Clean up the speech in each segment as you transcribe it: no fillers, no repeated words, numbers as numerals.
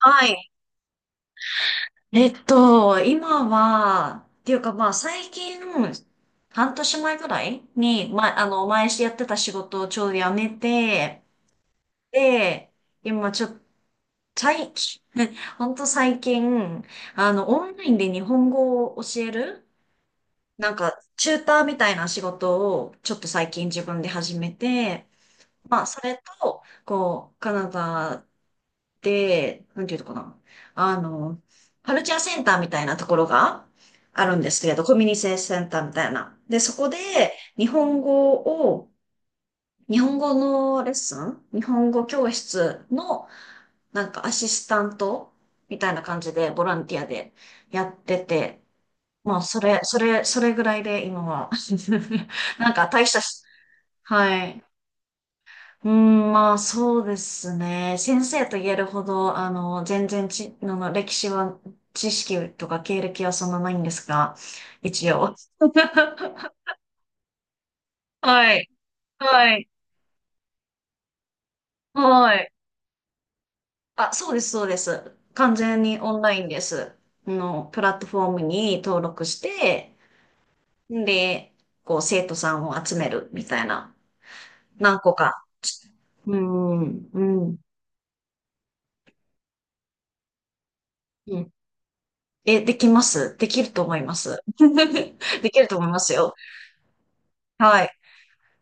はい。今は、っていうかまあ最近、半年前ぐらいに、前やってた仕事をちょうど辞めて、で、今ちょっと、最近、ほんと最近、オンラインで日本語を教える、なんか、チューターみたいな仕事を、ちょっと最近自分で始めて、まあ、それと、こう、カナダで、なんていうのかな。あの、カルチャーセンターみたいなところがあるんですけど、コミュニティセンターみたいな。で、そこで日本語を、日本語のレッスン日本語教室のなんかアシスタントみたいな感じでボランティアでやってて、まあ、それぐらいで今は、なんか大したし、はい。うん、まあそうですね。先生と言えるほど、あの、全然ち、あの、歴史は、知識とか経歴はそんなないんですが、一応。はい。はい。はい。あ、そうです、そうです。完全にオンラインです。プラットフォームに登録して、で、こう、生徒さんを集めるみたいな、何個か。うん、うん、うん。え、できます。できると思います。できると思いますよ。はい。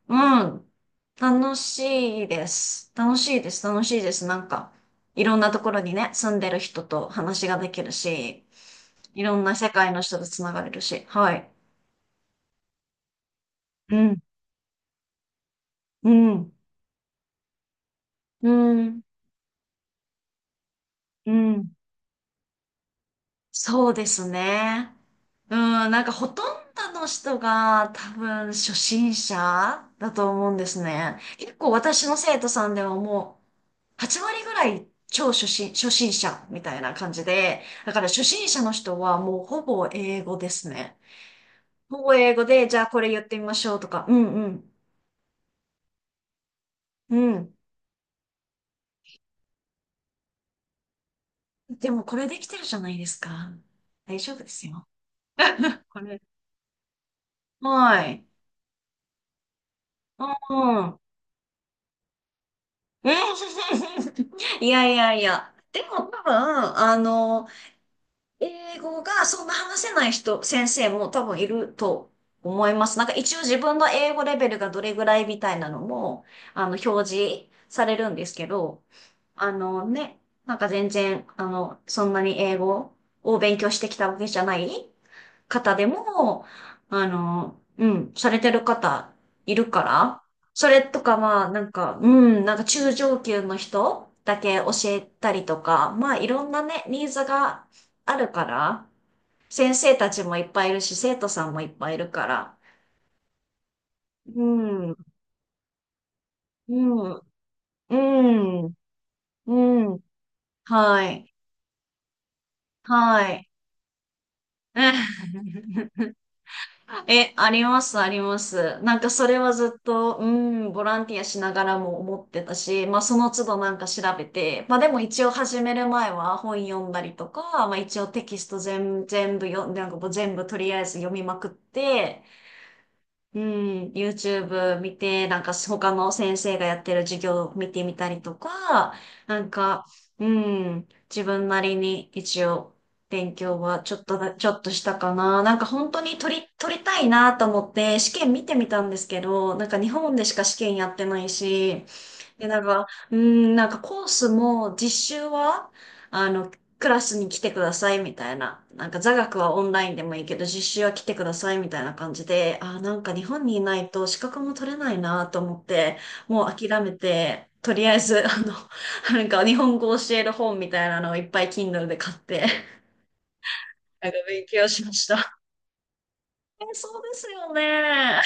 うん。楽しいです。楽しいです。楽しいです。なんか、いろんなところにね、住んでる人と話ができるし、いろんな世界の人とつながれるし。はい。うん。うん。うん。うん。そうですね。うん、なんかほとんどの人が多分初心者だと思うんですね。結構私の生徒さんではもう8割ぐらい超初心、初心者みたいな感じで、だから初心者の人はもうほぼ英語ですね。ほぼ英語で、じゃあこれ言ってみましょうとか、うんうん、うん。でもこれできてるじゃないですか。大丈夫ですよ。これ。はい。うん。いやいやいや。でも多分、英語がそんな話せない人、先生も多分いると思います。なんか一応自分の英語レベルがどれぐらいみたいなのも、表示されるんですけど、あのね、なんか全然、あの、そんなに英語を勉強してきたわけじゃない方でも、うん、されてる方いるから、それとかまあ、なんか中上級の人だけ教えたりとか、まあいろんなね、ニーズがあるから、先生たちもいっぱいいるし、生徒さんもいっぱいいるから、うん、うん、うん、うん、はい、はい。うん。え、あります、あります。なんかそれはずっと、うん、ボランティアしながらも思ってたし、まあその都度なんか調べて、まあでも一応始める前は本読んだりとか、まあ一応テキスト全部読んで、なんかもう全部とりあえず読みまくって、うん、YouTube 見て、なんか他の先生がやってる授業を見てみたりとか、なんか、うん、自分なりに一応勉強はちょっとしたかな。なんか本当に取りたいなと思って試験見てみたんですけど、なんか日本でしか試験やってないし、で、なんか、なんかコースも実習は、あの、クラスに来てくださいみたいな。なんか座学はオンラインでもいいけど、実習は来てくださいみたいな感じで、なんか日本にいないと資格も取れないなと思って、もう諦めて、とりあえず、なんか日本語を教える本みたいなのをいっぱい Kindle で買って、なんか勉強しました。え、そうですよね。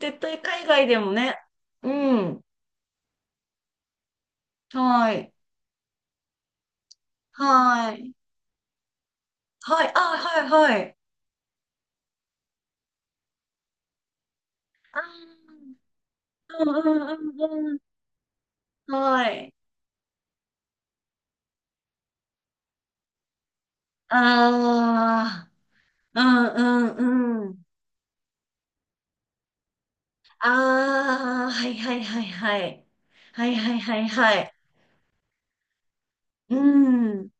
絶対海外でもね。うん。はい。はい。はい。あ、はい、はい。ああ、うんうんうんうん。はい。ああ、うんうんうん。ああ、はいはいはいはい。はいはいはいはい。うん、うん、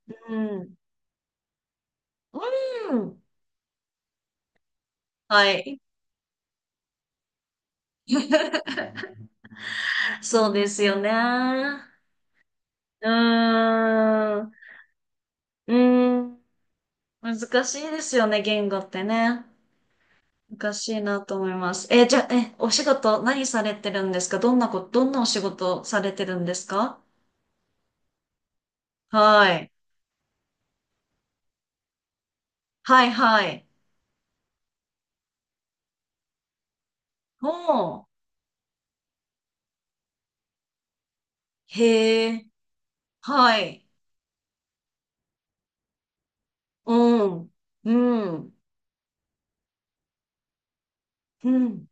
うん。はい。そうですよね。うーん、うーん。難しいですよね、言語ってね。難しいなと思います。え、じゃあ、え、お仕事何されてるんですか？どんなこと、どんなお仕事されてるんですか？はい。はい、はい。おー。へえ。はい。うん。うん。うん。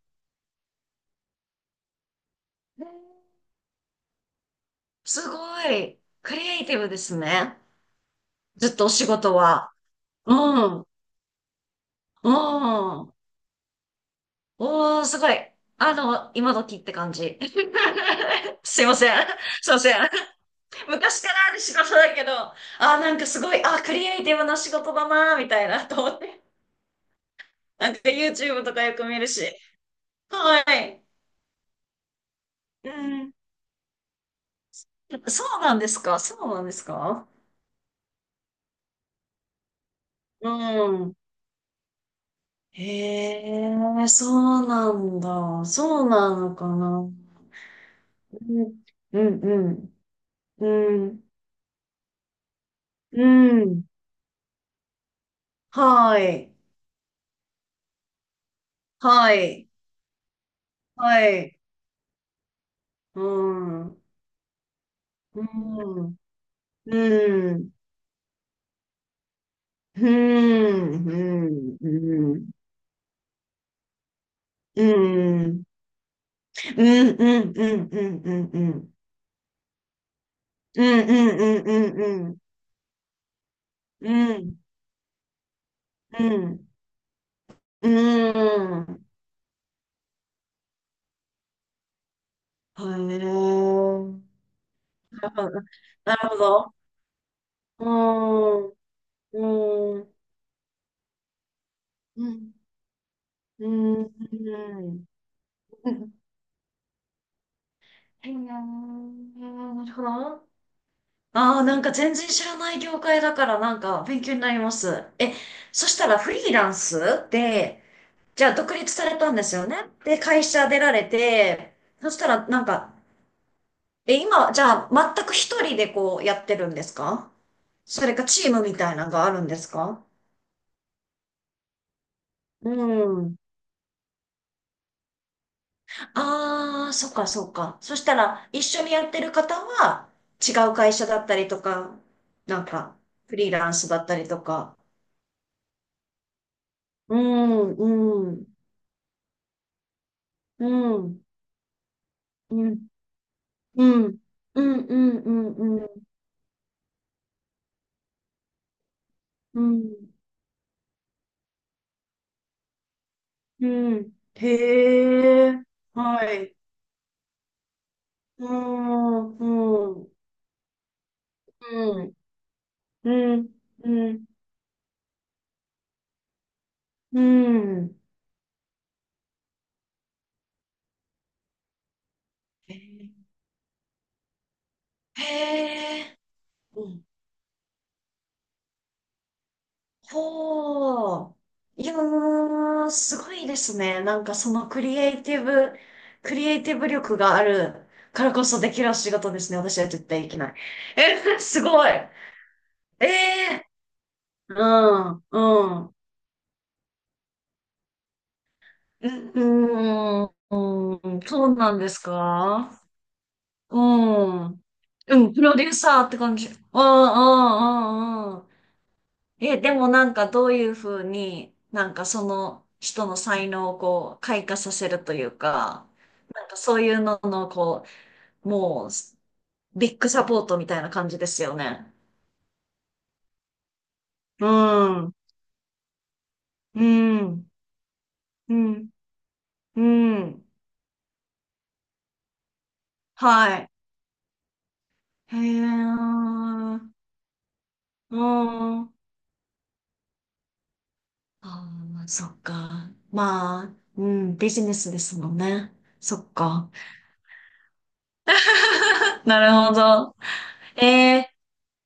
すごい。クリエイティブですね。ずっとお仕事は。うん。うん。おー、すごい。今時って感じ。すいません。すいません。昔からある仕事だけど、なんかすごい、クリエイティブな仕事だなー、みたいな、と思って。なんか YouTube とかよく見るし。はい。うん。へえ。なるほど。なるほど。うん。うん。うん。うん。うん。へえ、なるほど。ああ、なんか全然知らない業界だからなんか勉強になります。え、そしたらフリーランスで、じゃあ独立されたんですよね。で、会社出られて、そしたらなんか、え、今、じゃあ全く一人でこうやってるんですか？それかチームみたいなのがあるんですか？うん。ああ、そっかそっか。そしたら、一緒にやってる方は、違う会社だったりとか、なんか、フリーランスだったりとか。うん、うん、うん、うん、うん、うん、うん、うん、うん、うん、うん。へえ、はい。うん、うん、うん、うん、うん、うん。へえ、へー、うん、ほう。いやー、すごいですね。なんかそのクリエイティブ力があるからこそできる仕事ですね。私は絶対できない。え、すごい。ええー、うん、うん。うん、うん、そうなんですか？うん。うん、プロデューサーって感じ。うん、うん、うん、うん。え、でもなんかどういうふうに、なんかその人の才能をこう開花させるというか、なんかそういうののこう、もうビッグサポートみたいな感じですよね。うん、うん、うん、うん。はい。へえ。うん、ああ、そっか。まあ、うん、ビジネスですもんね。そっか。なるほど。ええ、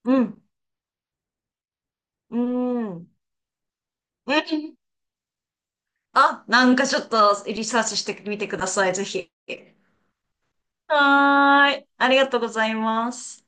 うん、うん。うん。あ、なんかちょっとリサーチしてみてください、ぜひ。はーい。ありがとうございます。